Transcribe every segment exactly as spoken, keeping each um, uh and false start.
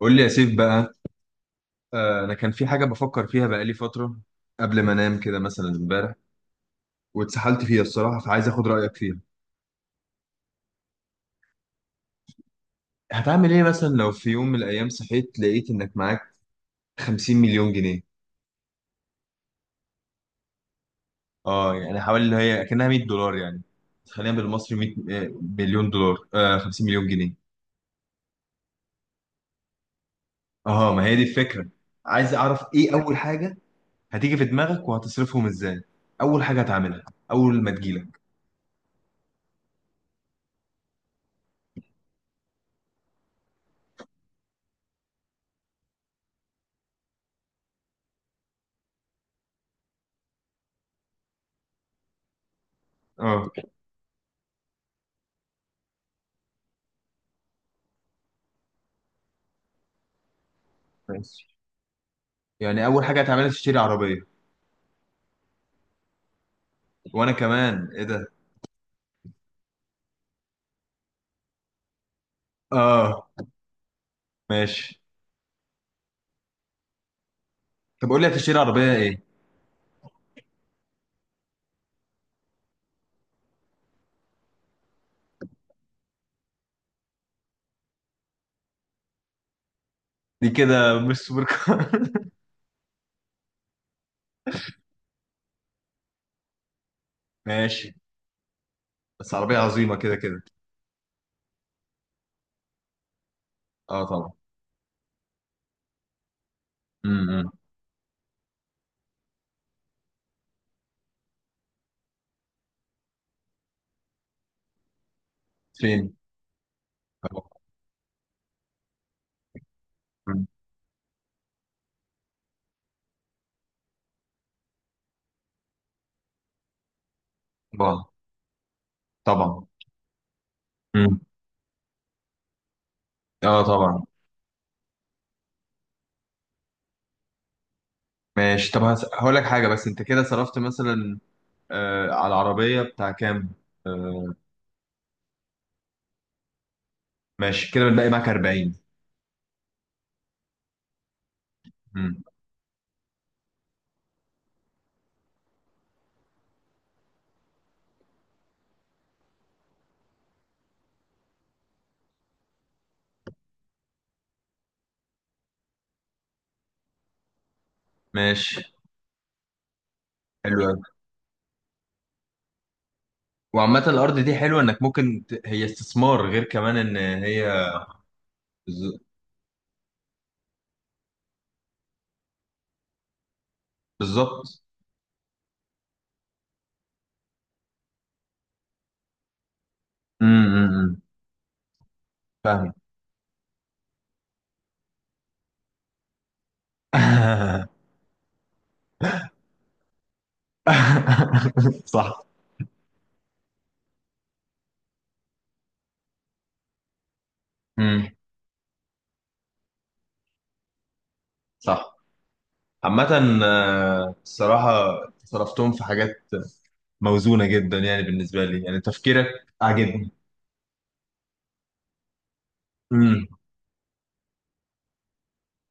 قول لي يا سيف بقى. آه، انا كان في حاجه بفكر فيها بقالي فتره قبل ما انام كده مثلا امبارح واتسحلت فيها الصراحه، فعايز اخد رايك فيها. هتعمل ايه مثلا لو في يوم من الايام صحيت لقيت انك معاك خمسين مليون جنيه؟ اه يعني حوالي اللي هي كانها مئة دولار يعني، خلينا بالمصري مئة آه، مليون دولار، آه خمسين مليون جنيه. اه ما هي دي الفكره، عايز اعرف ايه اول حاجه هتيجي في دماغك وهتصرفهم ازاي، اول حاجه هتعملها اول ما تجيلك. اه ماشي، يعني اول حاجه هتعملها تشتري عربيه؟ وانا كمان، ايه ده؟ اه ماشي، طب قول لي هتشتري عربيه ايه؟ دي كده مش سوبر كار ماشي، بس عربيه عظيمه كده كده. اه طبعا. امم. فين؟ آه. أمم. طبعا طبعا. امم. اه طبعا. ماشي، طب هس- هقول لك حاجه. بس انت كده صرفت مثلا آه على العربيه بتاع كام؟ آه. ماشي، كده بنلاقي معاك اربعين. امم. ماشي، حلو قوي. وعامه الارض دي حلوه انك ممكن ت... هي استثمار، غير كمان ان هي بز- بالظبط. امم. فاهم. صح. امم. صح. عامة آه، الصراحة صرفتهم في حاجات موزونة جدا، يعني بالنسبة لي يعني تفكيرك عاجبني. امم.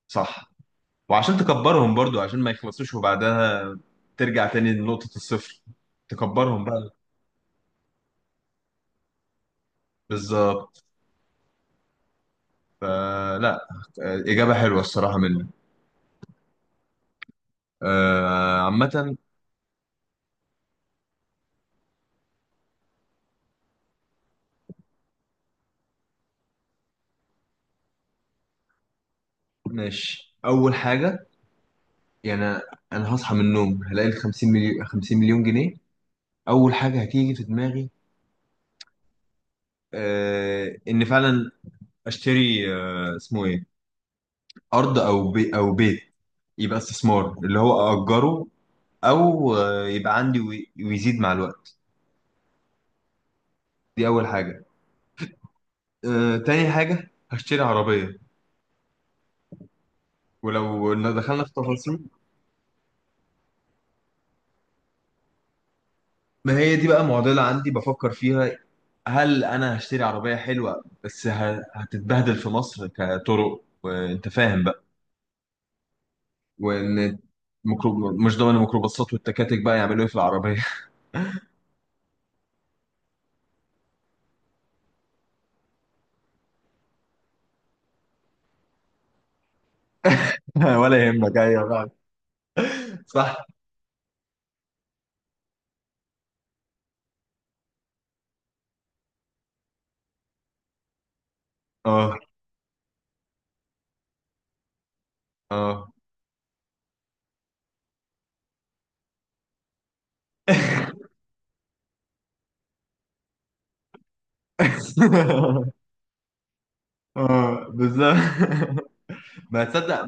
صح، وعشان تكبرهم برضو، عشان ما يخلصوش وبعدها ترجع تاني لنقطة الصفر، تكبرهم بقى. بالظبط. فلا، آه، إجابة حلوة الصراحة منك. آه، عامة. ماشي، أول حاجة يعني أنا هصحى من النوم هلاقي ال خمسين مليون، خمسين مليون جنيه، اول حاجه هتيجي في دماغي آه ان فعلا اشتري آه اسمه ايه، ارض او بي او بيت، يبقى استثمار اللي هو اجره، او آه يبقى عندي وي- ويزيد مع الوقت. دي اول حاجه. آه تاني حاجه هشتري عربيه، ولو إن دخلنا في تفاصيل. ما هي دي بقى معضله عندي بفكر فيها، هل انا هشتري عربيه حلوه بس ه- هتتبهدل في مصر كطرق، وانت فاهم بقى. وان ميكرو- مش ضامن الميكروباصات والتكاتك بقى يعملوا ايه في العربيه. ولا يهمك، ايوه فعلا. صح. اه. اه. اه بالظبط. ما تصدق.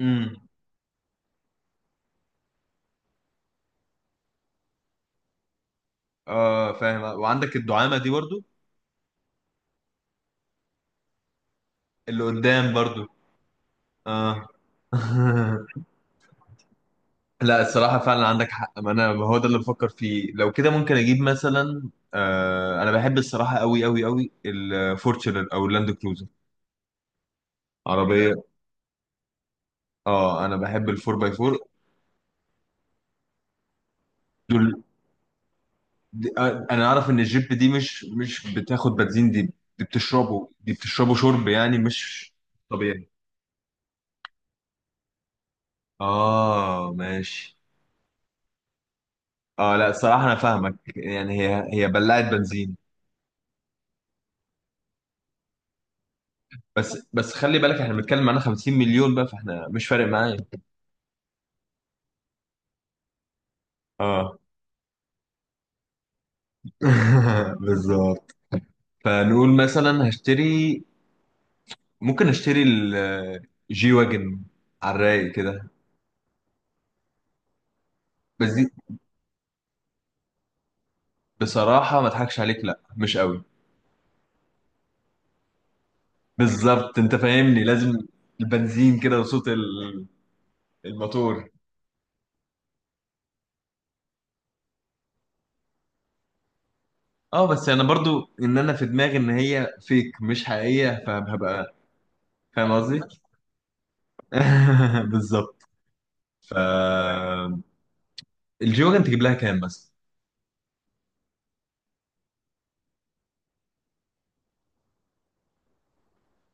امم. اه فاهم، وعندك الدعامه دي برضو، اللي قدام برضو. اه. لا الصراحه فعلا عندك حق، ما انا ما هو ده اللي بفكر فيه. لو كده ممكن اجيب مثلا، آه انا بحب الصراحه قوي قوي قوي الفورتشنر او اللاند كروزر عربيه. اه انا بحب الفور باي فور. دي- آه، انا اعرف ان الجيب دي مش مش بتاخد بنزين، دي دي بتشربه دي بتشربه شرب يعني، مش طبيعي. اه ماشي. اه لا الصراحه انا فاهمك، يعني هي هي بلعت بنزين. بس بس خلي بالك احنا بنتكلم عن خمسين مليون بقى، فاحنا مش فارق معايا. اه. بالظبط. فنقول مثلا هشتري، ممكن اشتري الجي واجن على الرايق كده. بس دي، بصراحة ما اضحكش عليك، لا مش قوي. بالظبط انت فاهمني، لازم البنزين كده وصوت ال- الموتور. اه بس انا برضو ان انا في دماغي ان هي فيك مش حقيقية، فهبقى فاهم قصدي؟ بالظبط. ف الجيوجن تجيب لها كام مثلا؟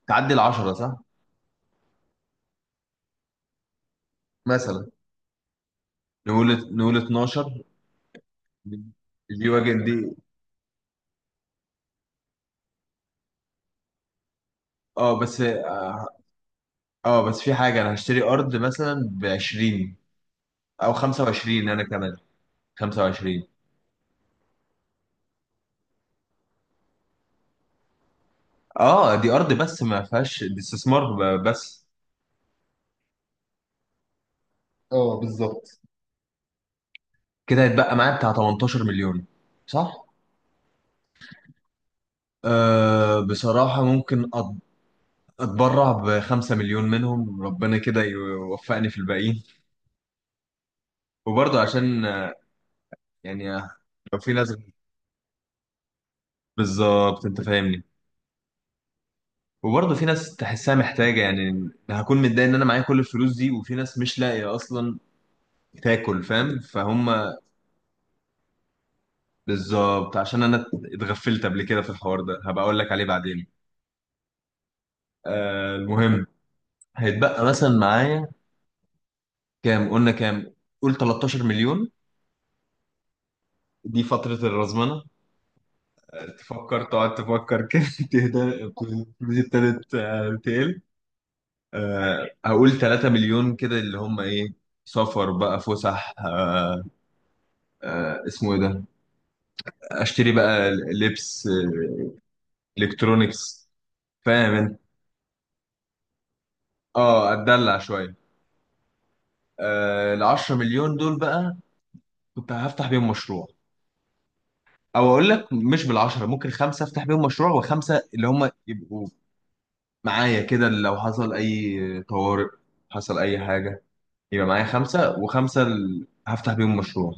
تعدي ال عشرة صح؟ مثلا نقول، نقول اتناشر. الجيوجن دي. اه بس. اه بس في حاجة، انا هشتري ارض مثلا ب عشرين او خمسة وعشرين، انا كمان خمسة وعشرين. اه دي ارض بس، ما فيهاش دي استثمار. ب- بس. اه بالظبط، كده هيتبقى معايا بتاع تمنتاشر مليون صح؟ أه بصراحة ممكن أت- أتبرع بخمسة مليون منهم، ربنا كده يوفقني في الباقيين. وبرضه عشان آه، يعني آه، لو في ناس. بالظبط أنت فاهمني. وبرضه في ناس تحسها محتاجة، يعني هكون متضايق إن أنا معايا كل الفلوس دي وفي ناس مش لاقية أصلا تاكل. فاهم فهم. بالظبط. عشان أنا اتغفلت قبل كده في الحوار ده، هبقى أقول لك عليه بعدين. أه المهم، هيتبقى مثلا معايا كام؟ قلنا كام؟ قول تلتاشر مليون، دي فترة الرزمنة، تفكر تقعد تفكر كده تهدى الفلوس ابتدت آه، تقل. آه، هقول ثلاثة مليون كده، اللي هم ايه، سفر بقى، فسح، آه، آه، اسمه ايه ده، اشتري بقى لبس، آه، الكترونيكس. فاهم انت. اه اتدلع شويه. آه ال عشرة مليون دول بقى كنت هفتح بيهم مشروع، او اقول لك مش بال عشرة، ممكن خمسه افتح بيهم مشروع، وخمسه اللي هم يبقوا معايا كده لو حصل أي طوارئ، حصل أي حاجة، يبقى معايا خمسة. وخمسة ال- هفتح بيهم مشروع.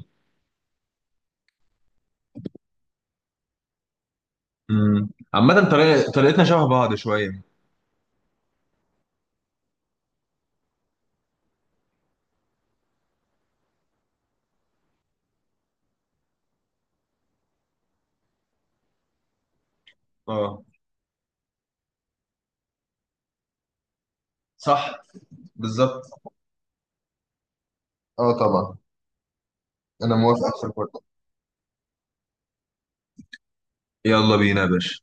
امم عامة، طريقة طريقتنا شبه بعض شوية. اه. صح. بالظبط. اه طبعا، انا موافق في الحوار ده. يلا بينا يا باشا.